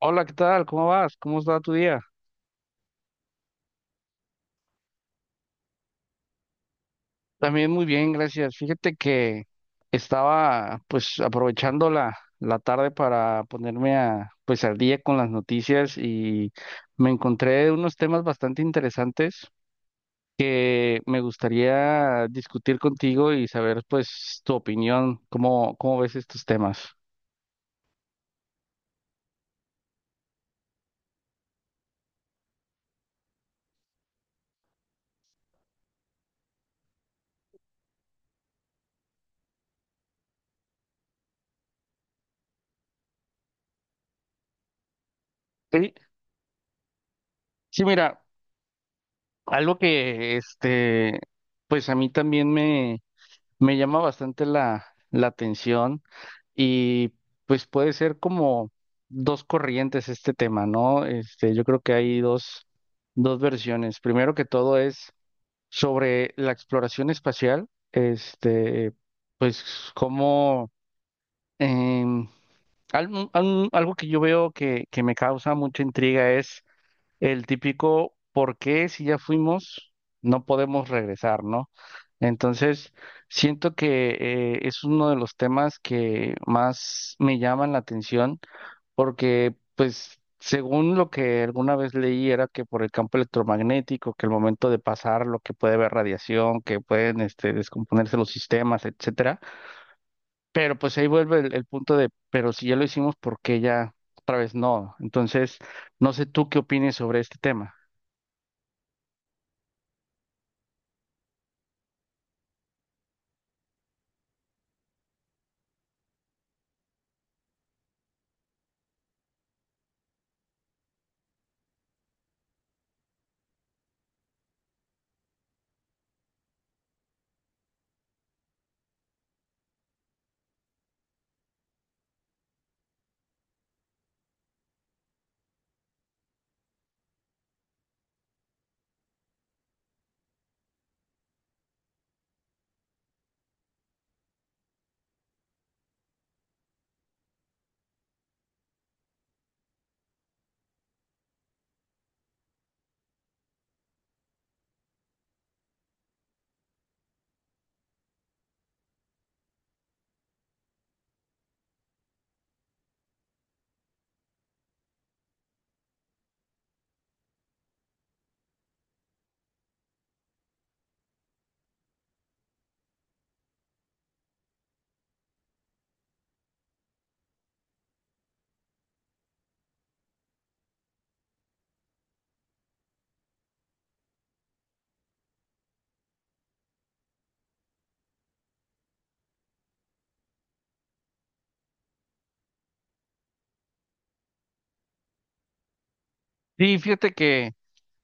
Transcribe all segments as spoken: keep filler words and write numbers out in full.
Hola, ¿qué tal? ¿Cómo vas? ¿Cómo está tu día? También muy bien, gracias. Fíjate que estaba, pues, aprovechando la, la tarde para ponerme a, pues, al día con las noticias y me encontré unos temas bastante interesantes. Eh, me gustaría discutir contigo y saber, pues, tu opinión, cómo, cómo ves estos temas. Sí, sí, mira, algo que, este, pues a mí también me llama bastante la, la atención, y pues puede ser como dos corrientes este tema, ¿no? Este, yo creo que hay dos, dos versiones. Primero que todo es sobre la exploración espacial, este, pues como, em, algo, algo que yo veo que, que me causa mucha intriga es el típico ¿por qué si ya fuimos no podemos regresar? ¿No? Entonces, siento que eh, es uno de los temas que más me llaman la atención porque, pues, según lo que alguna vez leí, era que por el campo electromagnético, que el momento de pasar, lo que puede haber radiación, que pueden, este, descomponerse los sistemas, etcétera. Pero pues ahí vuelve el, el punto de, pero si ya lo hicimos, ¿por qué ya otra vez no? Entonces, no sé tú qué opines sobre este tema. Sí, fíjate que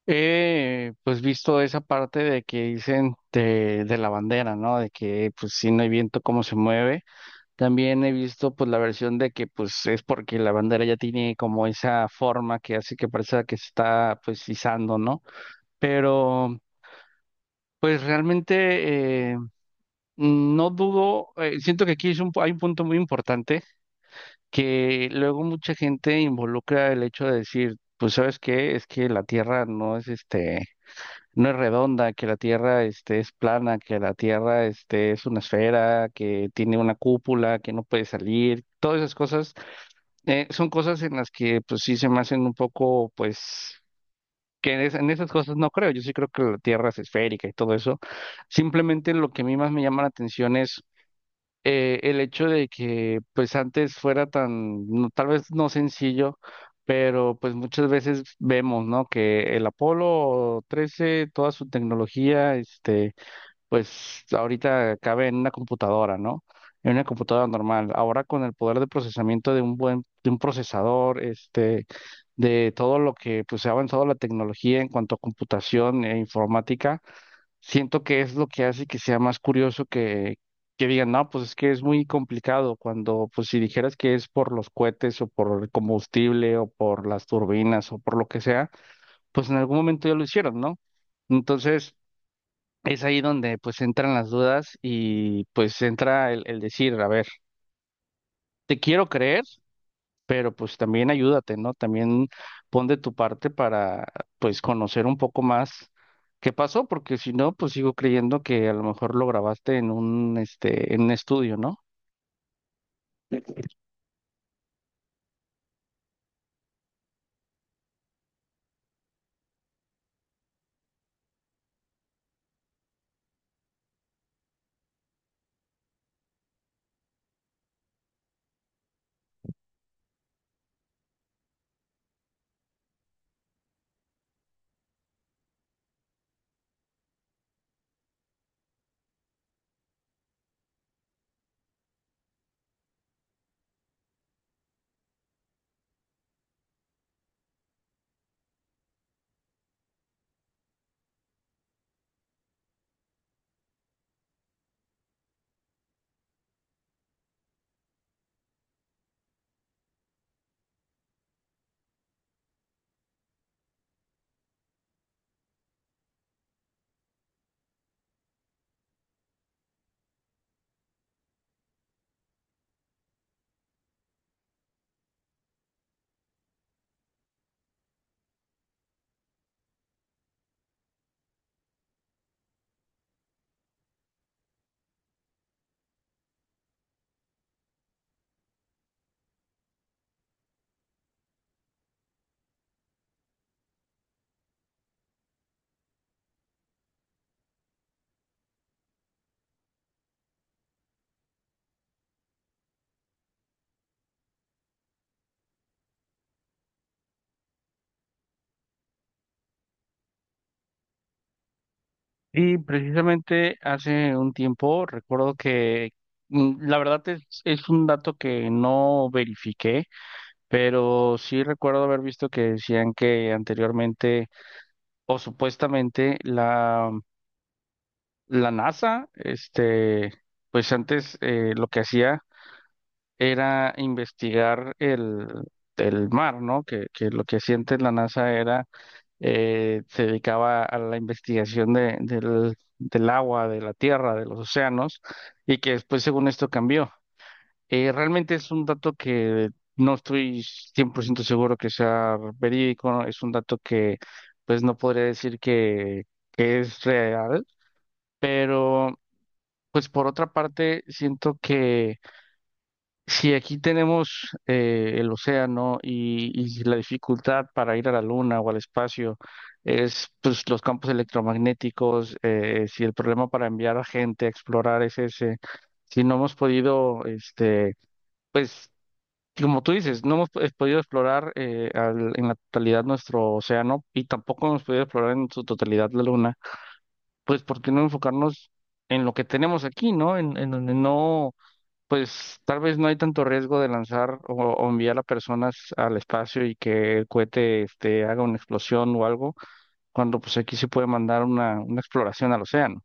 he, pues, visto esa parte de que dicen de, de la bandera, ¿no? De que pues si no hay viento, cómo se mueve. También he visto, pues, la versión de que pues es porque la bandera ya tiene como esa forma que hace que parezca que se está, pues, izando, ¿no? Pero pues realmente, eh, no dudo, eh, siento que aquí es un, pu- hay un punto muy importante que luego mucha gente involucra el hecho de decir, pues, ¿sabes qué? Es que la tierra no es este, no es redonda, que la Tierra, este, es plana, que la Tierra, este, es una esfera, que tiene una cúpula, que no puede salir, todas esas cosas. Eh, son cosas en las que, pues, sí se me hacen un poco, pues, que en, es- en esas cosas no creo. Yo sí creo que la Tierra es esférica y todo eso. Simplemente lo que a mí más me llama la atención es, eh, el hecho de que pues antes fuera tan, no- tal vez no sencillo, pero pues muchas veces vemos, ¿no?, que el Apolo trece, toda su tecnología, este, pues ahorita cabe en una computadora, ¿no? En una computadora normal. Ahora con el poder de procesamiento de un buen, de un procesador, este, de todo lo que pues se ha avanzado la tecnología en cuanto a computación e informática, siento que es lo que hace que sea más curioso, que, que digan, no, pues es que es muy complicado cuando, pues si dijeras que es por los cohetes o por el combustible o por las turbinas o por lo que sea, pues en algún momento ya lo hicieron, ¿no? Entonces es ahí donde pues entran las dudas y pues entra el, el decir, a ver, te quiero creer, pero pues también ayúdate, ¿no? También pon de tu parte para pues conocer un poco más qué pasó, porque si no, pues sigo creyendo que a lo mejor lo grabaste en un, este, en un estudio, ¿no? Y precisamente hace un tiempo recuerdo que, mm, la verdad es, es un dato que no verifiqué, pero sí recuerdo haber visto que decían que anteriormente o supuestamente la la NASA, este, pues antes, eh, lo que hacía era investigar el, el mar, ¿no? Que, que lo que hacía antes la NASA era, eh, se dedicaba a la investigación de, del, del agua, de la tierra, de los océanos, y que después, según esto, cambió. Eh, realmente es un dato que no estoy cien por ciento seguro que sea verídico, ¿no? Es un dato que, pues, no podría decir que, que es real, pero, pues, por otra parte, siento que si aquí tenemos, eh, el océano, y, y la dificultad para ir a la luna o al espacio es, pues, los campos electromagnéticos. Eh, si el problema para enviar a gente a explorar es ese, si no hemos podido, este, pues como tú dices, no hemos, pues, podido explorar, eh, al- en la totalidad nuestro océano, y tampoco hemos podido explorar en su totalidad la luna, pues ¿por qué no enfocarnos en lo que tenemos aquí? ¿No? En, en donde no, pues tal vez no hay tanto riesgo de lanzar o, o enviar a personas al espacio y que el cohete, este, haga una explosión o algo, cuando pues aquí se puede mandar una, una exploración al océano.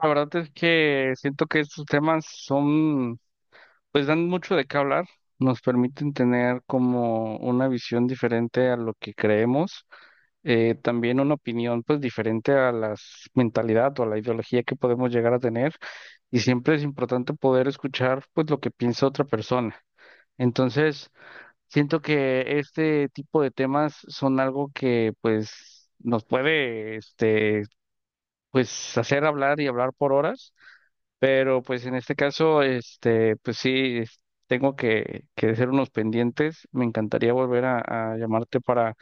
La verdad es que siento que estos temas son, pues, dan mucho de qué hablar, nos permiten tener como una visión diferente a lo que creemos. Eh, también una opinión pues diferente a la mentalidad o a la ideología que podemos llegar a tener, y siempre es importante poder escuchar pues lo que piensa otra persona. Entonces, siento que este tipo de temas son algo que pues nos puede, este, pues hacer hablar y hablar por horas, pero pues en este caso, este, pues sí es- tengo que que hacer unos pendientes. Me encantaría volver a, a llamarte para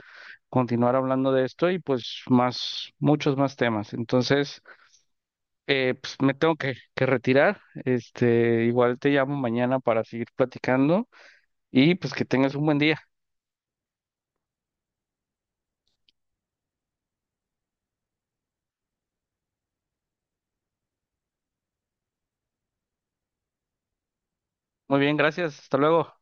continuar hablando de esto y pues más, muchos más temas. Entonces, eh, pues me tengo que, que retirar. Este, igual te llamo mañana para seguir platicando, y pues que tengas un buen día. Muy bien, gracias. Hasta luego.